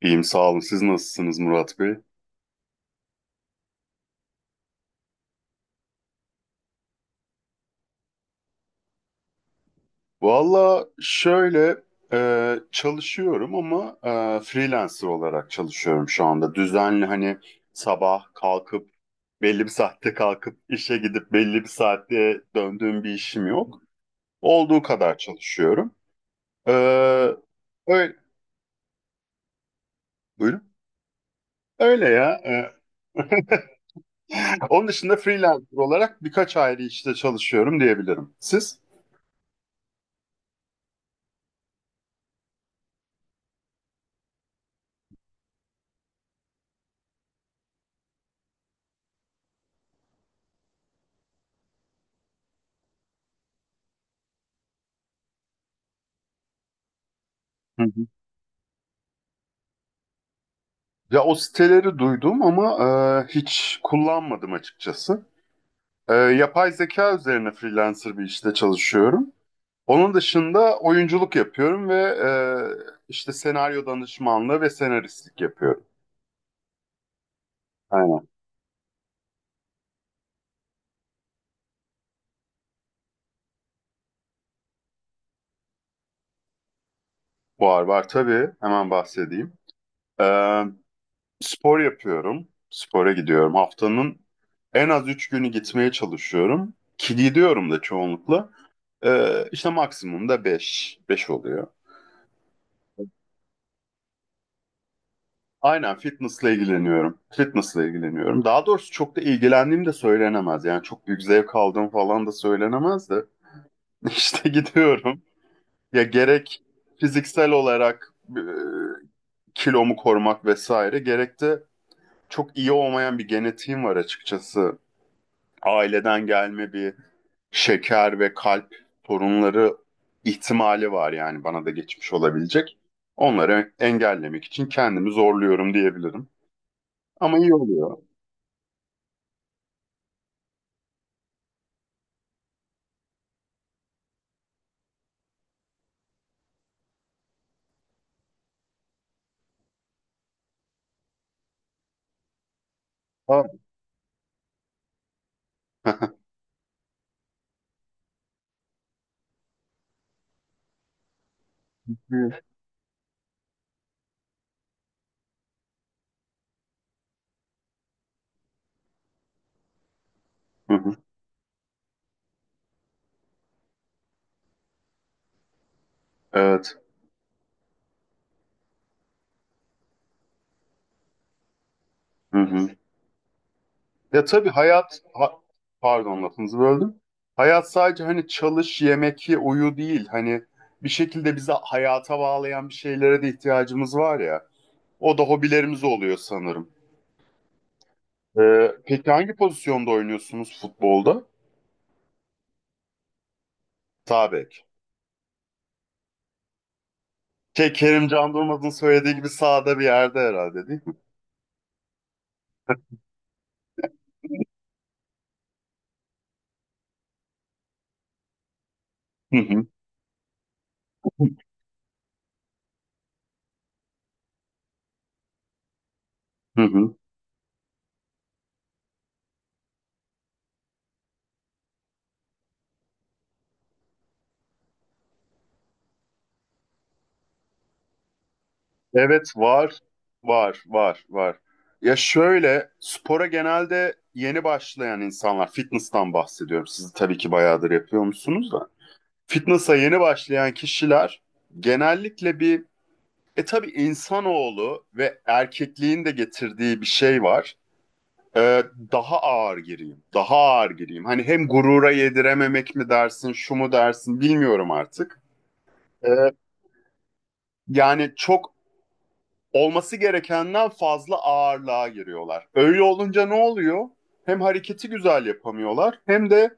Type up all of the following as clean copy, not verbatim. İyiyim sağ olun. Siz nasılsınız Murat Bey? Valla şöyle çalışıyorum ama freelancer olarak çalışıyorum şu anda. Düzenli hani sabah kalkıp belli bir saatte kalkıp işe gidip belli bir saatte döndüğüm bir işim yok. Olduğu kadar çalışıyorum. E, Öyle, buyurun. Öyle ya. Onun dışında freelancer olarak birkaç ayrı işte çalışıyorum diyebilirim. Siz? Ya o siteleri duydum ama hiç kullanmadım açıkçası. Yapay zeka üzerine freelancer bir işte çalışıyorum. Onun dışında oyunculuk yapıyorum ve işte senaryo danışmanlığı ve senaristlik yapıyorum. Aynen. Var var tabii. Hemen bahsedeyim. E, Spor yapıyorum. Spora gidiyorum. Haftanın en az üç günü gitmeye çalışıyorum. Ki gidiyorum da çoğunlukla. İşte maksimum da beş. Beş oluyor. Aynen fitnessla ilgileniyorum. Fitnessla ilgileniyorum. Daha doğrusu çok da ilgilendiğim de söylenemez. Yani çok büyük zevk aldığım falan da söylenemez de. İşte gidiyorum. Ya gerek fiziksel olarak kilomu korumak vesaire gerek de çok iyi olmayan bir genetiğim var açıkçası. Aileden gelme bir şeker ve kalp sorunları ihtimali var yani bana da geçmiş olabilecek. Onları engellemek için kendimi zorluyorum diyebilirim. Ama iyi oluyor. Evet. Hı hı. Evet. Hı hı. Ya tabii hayat, pardon lafınızı böldüm. Hayat sadece hani çalış, yemek, ye, uyu değil. Hani bir şekilde bizi hayata bağlayan bir şeylere de ihtiyacımız var ya. O da hobilerimiz oluyor sanırım. Peki hangi pozisyonda oynuyorsunuz futbolda? Sağ bek. Şey, Kerim Can Durmaz'ın söylediği gibi sağda bir yerde herhalde değil mi? Hı hı. Hı hı. Evet var, var, var, var. Ya şöyle, spora genelde yeni başlayan insanlar, fitness'tan bahsediyorum. Siz tabii ki bayağıdır yapıyor musunuz da. Fitness'a yeni başlayan kişiler genellikle bir, e tabii insanoğlu ve erkekliğin de getirdiği bir şey var. Ee, Daha ağır gireyim, daha ağır gireyim. Hani hem gurura yedirememek mi dersin, şu mu dersin bilmiyorum artık. Ee, Yani çok olması gerekenden fazla ağırlığa giriyorlar. Öyle olunca ne oluyor? Hem hareketi güzel yapamıyorlar hem de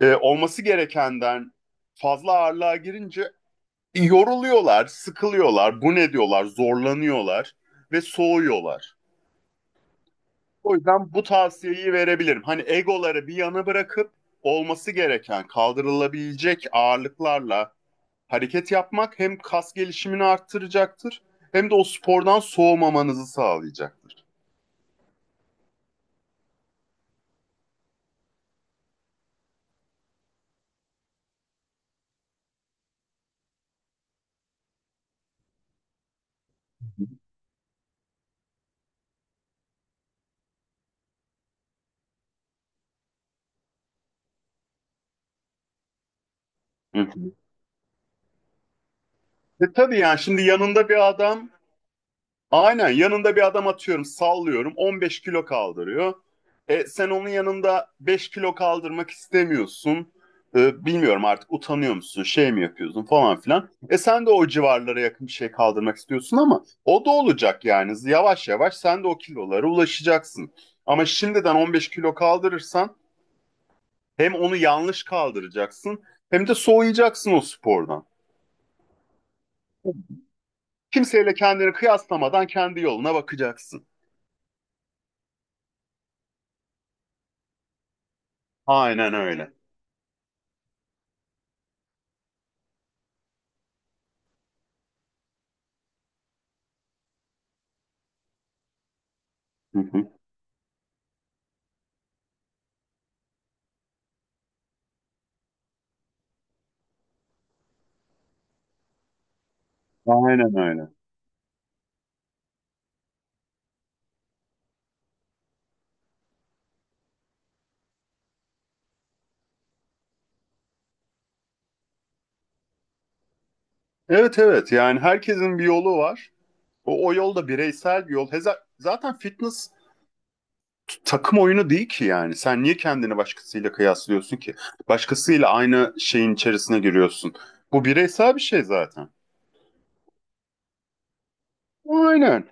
olması gerekenden fazla ağırlığa girince yoruluyorlar, sıkılıyorlar, bu ne diyorlar, zorlanıyorlar ve soğuyorlar. O yüzden bu tavsiyeyi verebilirim. Hani egoları bir yana bırakıp olması gereken, kaldırılabilecek ağırlıklarla hareket yapmak hem kas gelişimini arttıracaktır hem de o spordan soğumamanızı sağlayacaktır. Hı hı. E tabii yani şimdi yanında bir adam atıyorum sallıyorum 15 kilo kaldırıyor. Sen onun yanında 5 kilo kaldırmak istemiyorsun. Bilmiyorum artık utanıyor musun şey mi yapıyorsun falan filan. Sen de o civarlara yakın bir şey kaldırmak istiyorsun ama o da olacak yani yavaş yavaş sen de o kilolara ulaşacaksın. Ama şimdiden 15 kilo kaldırırsan hem onu yanlış kaldıracaksın hem de soğuyacaksın o spordan. Kimseyle kendini kıyaslamadan kendi yoluna bakacaksın. Aynen öyle. Hı hı. Aynen öyle. Evet evet yani herkesin bir yolu var. O, o yol da bireysel bir yol. Zaten fitness takım oyunu değil ki yani. Sen niye kendini başkasıyla kıyaslıyorsun ki? Başkasıyla aynı şeyin içerisine giriyorsun. Bu bireysel bir şey zaten. Aynen.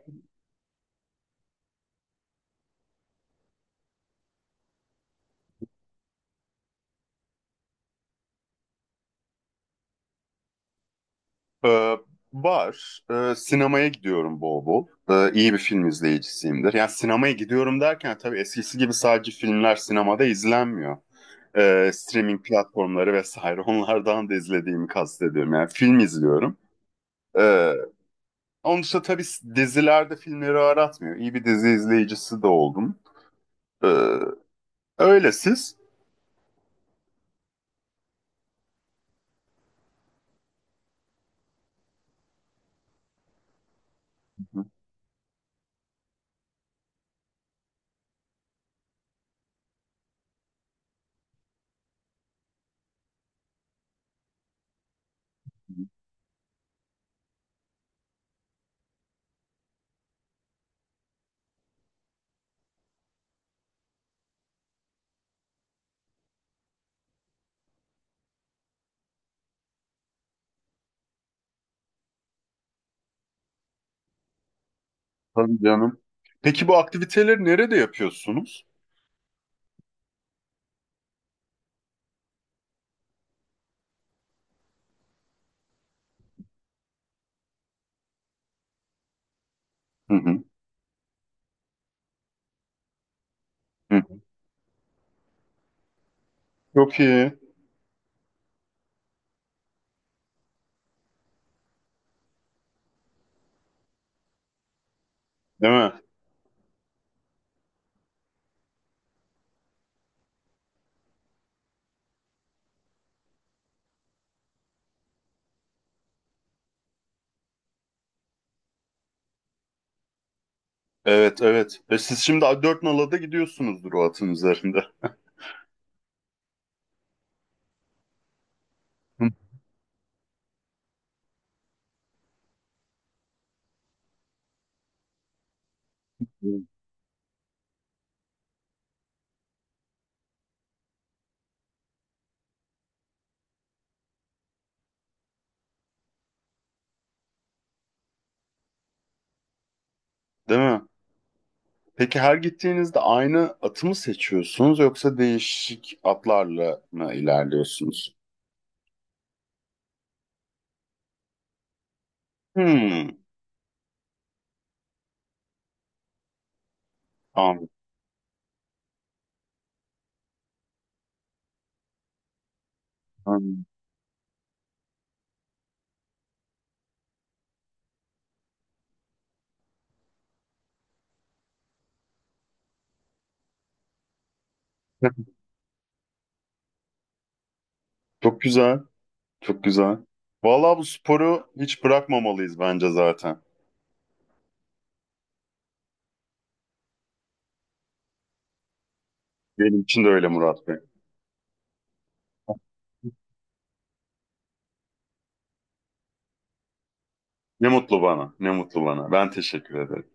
Ee, Var. Sinemaya gidiyorum bol bol. İyi bir film izleyicisiyimdir. Yani sinemaya gidiyorum derken tabii eskisi gibi sadece filmler sinemada izlenmiyor. Streaming platformları vesaire onlardan da izlediğimi kastediyorum. Yani film izliyorum. Ee, Onun dışında tabii dizilerde filmleri aratmıyor. İyi bir dizi izleyicisi de oldum. Ee, Öyle siz. Hı hı. Tabii canım. Peki bu aktiviteleri nerede yapıyorsunuz? Hı hı. Hı. Çok iyi. Değil mi? Evet evet. E siz şimdi 4 Nala'da gidiyorsunuzdur o atın üzerinde. Hı. Değil mi? Peki her gittiğinizde aynı atı mı seçiyorsunuz yoksa değişik atlarla mı ilerliyorsunuz? Hmm, anladım. Anladım. Çok güzel, çok güzel. Vallahi bu sporu hiç bırakmamalıyız bence zaten. Benim için de öyle Murat Bey. Ne mutlu bana, ne mutlu bana. Ben teşekkür ederim.